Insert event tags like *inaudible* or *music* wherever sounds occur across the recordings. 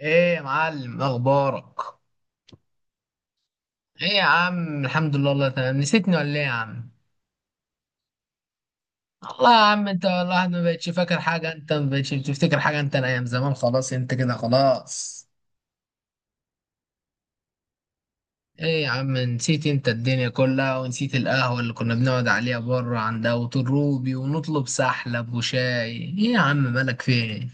ايه يا معلم، اخبارك؟ ايه يا عم، الحمد لله، الله تمام. نسيتني ولا ايه يا عم؟ الله يا عم، انت والله ما بقتش فاكر حاجه، انت ما بقتش بتفتكر حاجه، انت الايام زمان خلاص، انت كده خلاص. ايه يا عم، نسيت انت الدنيا كلها، ونسيت القهوه اللي كنا بنقعد عليها بره عند ابو الروبي ونطلب سحلب وشاي؟ ايه يا عم، مالك فين؟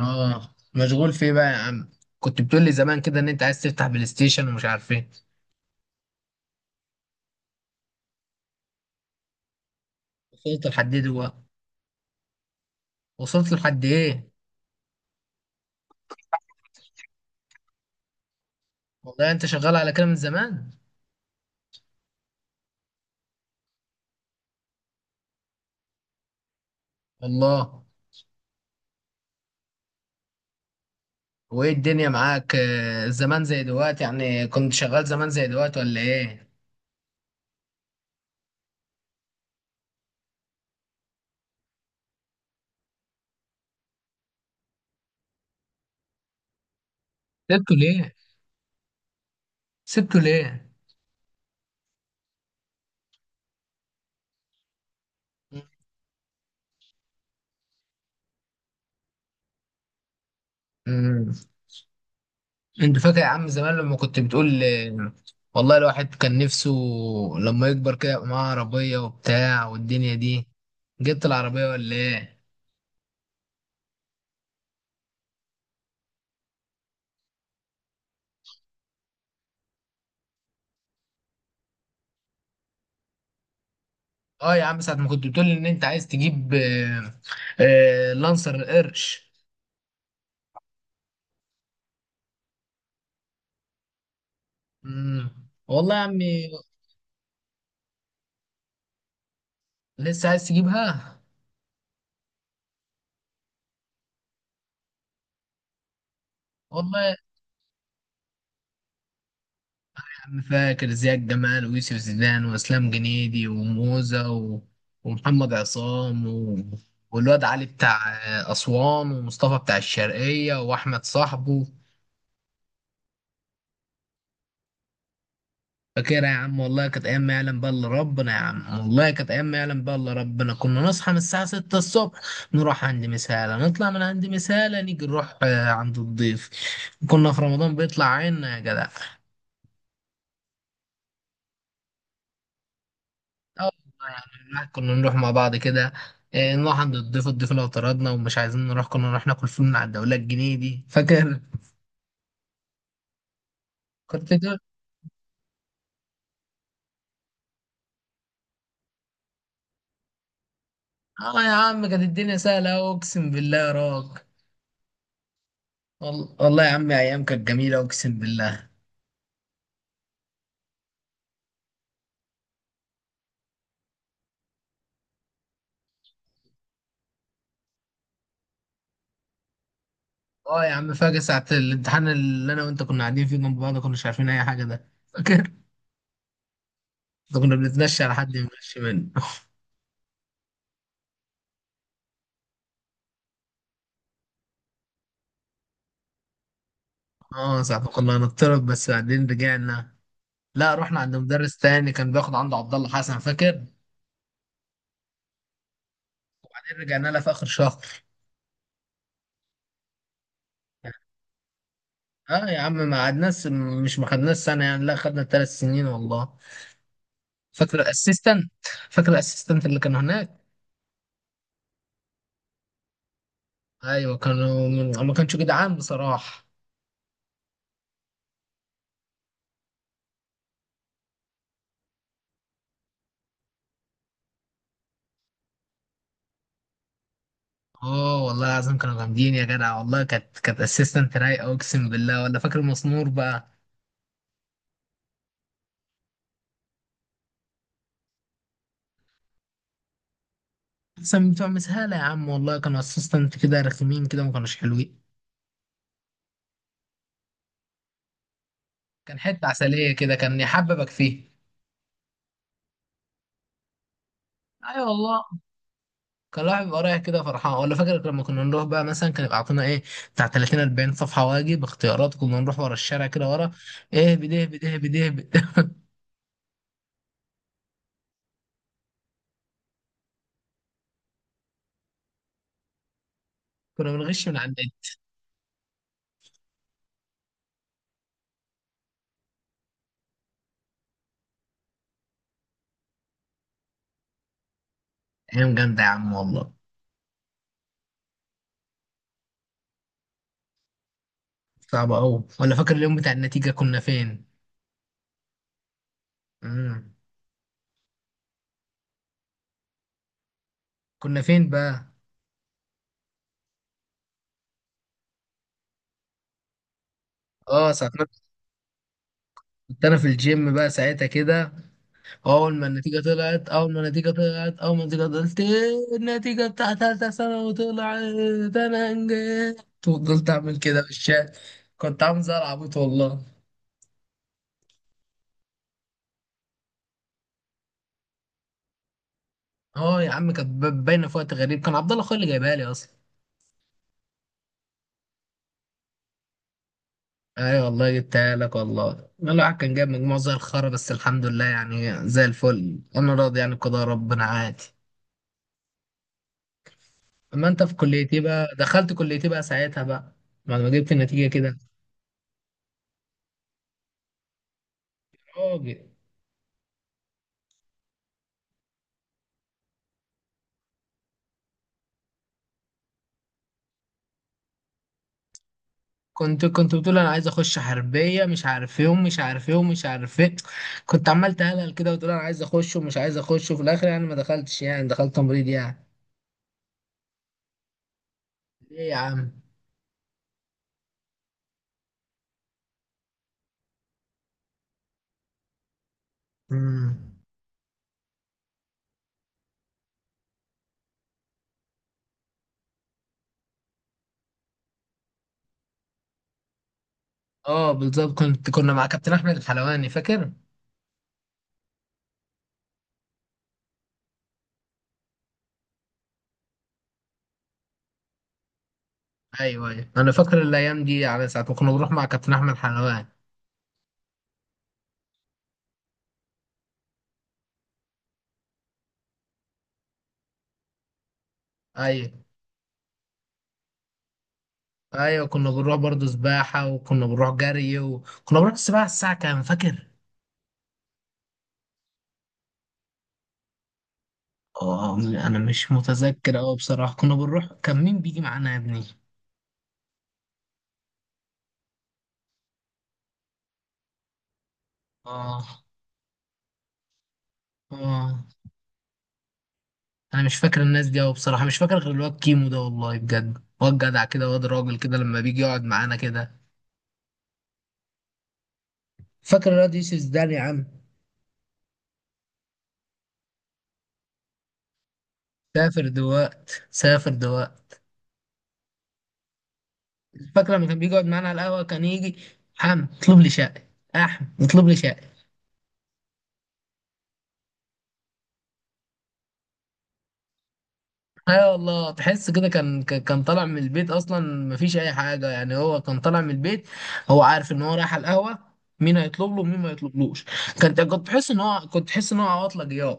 اه، مشغول في ايه بقى يا عم؟ كنت بتقول لي زمان كده ان انت عايز تفتح بلاي ستيشن ومش عارف ايه. وصلت لحد ايه دلوقتي؟ وصلت لحد ايه؟ والله انت شغال على كده من زمان. الله. وايه الدنيا معاك زمان زي دلوقتي؟ يعني كنت شغال زمان زي دلوقتي ولا ايه؟ سبته ليه؟ سبته ليه؟ مم. انت فاكر يا عم زمان لما كنت بتقول والله الواحد كان نفسه لما يكبر كده يبقى معاه عربية وبتاع والدنيا دي. جبت العربية ولا ايه؟ اه يا عم، ساعة ما كنت بتقول ان انت عايز تجيب لانسر القرش. مم. والله يا عمي، لسه عايز تجيبها. والله انا فاكر زياد جمال ويوسف زيدان واسلام جنيدي وموزة و... ومحمد عصام و... والواد علي بتاع اسوان، ومصطفى بتاع الشرقية واحمد صاحبه. فاكرها يا عم، والله كانت ايام ما يعلم بقى الا ربنا، يا عم والله كانت ايام ما يعلم بقى الا ربنا. كنا نصحى من الساعة 6 الصبح، نروح عند مسالة، نطلع من عند مسالة، نيجي نروح عند الضيف. كنا في رمضان بيطلع عنا يا جدع. اه والله كنا نروح مع بعض كده. إيه، نروح عند الضيف، الضيف لو طردنا ومش عايزين نروح كنا نروح ناكل فول من على الدولة، الجنيه دي فاكر؟ *laughs* كنت كده. اه يا عم، كانت الدنيا سهلة أهو، اقسم بالله يا راك. والله يا عم ايام كانت جميلة، اقسم بالله. اه يا عم، فاكر ساعة الامتحان اللي انا وانت كنا قاعدين فيه جنب بعض، كناش عارفين اي حاجة، ده فاكر؟ *laughs* ده كنا بنتمشى على حد يمشي منه *laughs* اه ساعة ما كنا هنضطرب، بس بعدين رجعنا. لا رحنا عند مدرس تاني كان بياخد عنده عبد الله حسن، فاكر؟ رجعنا لها في اخر شهر. يعني، اه يا عم ما قعدناش. مش ما خدناش سنه يعني، لا خدنا ثلاث سنين والله. فاكر الاسيستنت فاكر الاسيستنت اللي كانوا هناك؟ ايوه كانوا من، ما كانش جدعان بصراحه. اه والله العظيم كانوا جامدين يا جدع، والله كانت اسيستنت رايقه، اقسم بالله. ولا فاكر مسنور بقى؟ احسن من بتوع مسهاله يا عم، والله كانوا اسيستنت كده رخمين كده، ما كانوش حلوين. كان حته عسليه كده، كان يحببك فيه. ايوه والله. كان الواحد بيبقى رايح كده فرحان. ولا فاكر لما كنا نروح بقى مثلا كان يبقى عطونا ايه، بتاع 30 40 صفحه واجب اختيارات؟ كنا نروح ورا الشارع كده، ورا. ايه بده، إيه بده، إيه بده، إيه بده. *laughs* كنا بنغش من عندنا. ايام جامده يا عم والله. صعبه قوي. ولا فاكر اليوم بتاع النتيجه كنا فين؟ امم. كنا فين بقى؟ اه ساعتها. كنت انا في الجيم بقى ساعتها كده. اول ما النتيجه طلعت، إيه النتيجه بتاعت ثالثه ثانوي طلعت، انا نجحت وفضلت اعمل كده في الشارع. كنت عامل زي العبيط والله. اه يا عم، كانت باينه في وقت غريب، كان عبد الله اخويا اللي جايبها لي اصلا. اي والله جبتها لك. والله الواحد كان جايب مجموع زي الخرا، بس الحمد لله يعني زي الفل، انا راضي يعني بقضاء ربنا عادي. اما انت في كليتي بقى، دخلت كليتي بقى ساعتها بقى بعد ما جبت النتيجه كده، راجل. كنت بتقول انا عايز اخش حربيه مش عارف ايه، ومش عارف ايه، ومش عارف ايه. كنت عمال تهلل كده وتقول انا عايز اخش ومش عايز اخش، وفي الاخر يعني ما دخلتش يعني، دخلت تمريض يعني. ليه يا عم؟ امم. اه بالظبط، كنا مع كابتن احمد الحلواني، فاكر؟ ايوه ايوه، انا فاكر الايام دي، على ساعه ما كنا بنروح مع كابتن احمد الحلواني. ايوه ايوه كنا بنروح برضه سباحه، وكنا بنروح جري، وكنا بنروح السباحه الساعه كام فاكر؟ اه انا مش متذكر اوي بصراحه، كنا بنروح. كان مين بيجي معانا يا ابني؟ اه. اه انا مش فاكر الناس دي اوي بصراحه، مش فاكر غير الواد كيمو ده، والله بجد واد جدع كده، واد راجل كده لما بيجي يقعد معانا كده. فاكر الواد يوسف زدان يا عم؟ سافر دلوقت، سافر دلوقت. فاكر لما كان بيجي يقعد معانا على القهوه، كان يجي. اطلب لي شقه. اطلب لي شقه. ايوه والله تحس كده كان كان طالع من البيت اصلا. مفيش اي حاجه يعني، هو كان طالع من البيت، هو عارف ان هو رايح على القهوه، مين هيطلب له ومين ما يطلبلوش. كنت تحس ان هو، عواطله جياع.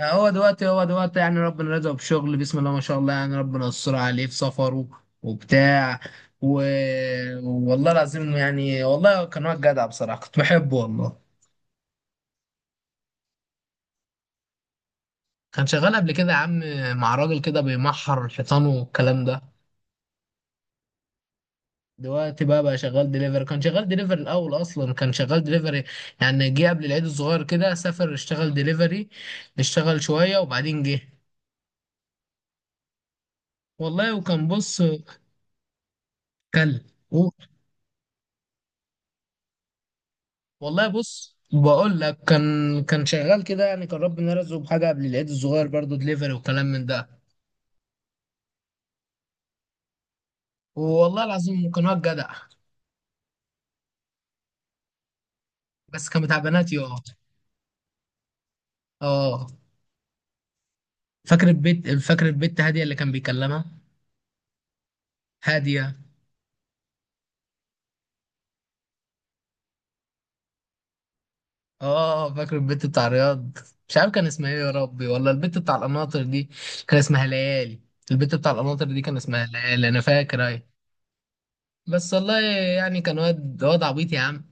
هو دلوقتي يعني ربنا رزقه بشغل، بسم الله ما شاء الله، يعني ربنا يستر عليه في سفره وبتاع و... والله العظيم يعني، والله كان واد جدع بصراحة، كنت بحبه والله. كان شغال قبل كده يا عم مع راجل كده بيمحر الحيطان والكلام ده. دلوقتي بقى شغال دليفري، كان شغال دليفري الأول، أصلا كان شغال دليفري. يعني جه قبل العيد الصغير كده سافر اشتغل دليفري، اشتغل شوية وبعدين جه. والله وكان بص، كلب. والله بص بقول لك، كان كان شغال كده يعني، كان ربنا رزقه بحاجه قبل العيد الصغير برضه دليفري وكلام من ده. والله العظيم كان واد جدع. بس كان بتاع بنات يا. اه فاكر البيت فاكر البت هاديه اللي كان بيكلمها؟ هاديه. اه فاكر البت بتاع رياض؟ مش عارف كان اسمها ايه يا ربي، ولا البت بتاع القناطر دي كان اسمها ليالي؟ البت بتاع القناطر دي كان اسمها ليالي، انا فاكر اهي. بس والله، يعني كان واد عبيط يا عم.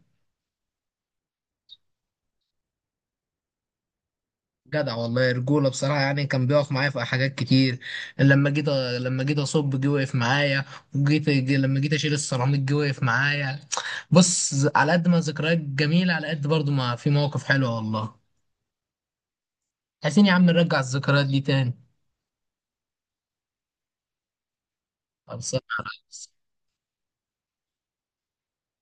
جدع والله، رجوله بصراحه، يعني كان بيقف معايا في حاجات كتير. لما جيت لما جيت اصب، جه وقف معايا. لما جيت اشيل السيراميك جه وقف معايا. بص، على قد ما ذكريات جميله، على قد برضو ما في مواقف حلوه والله. عايزين يا عم نرجع الذكريات دي تاني. خلصانه يا ريس.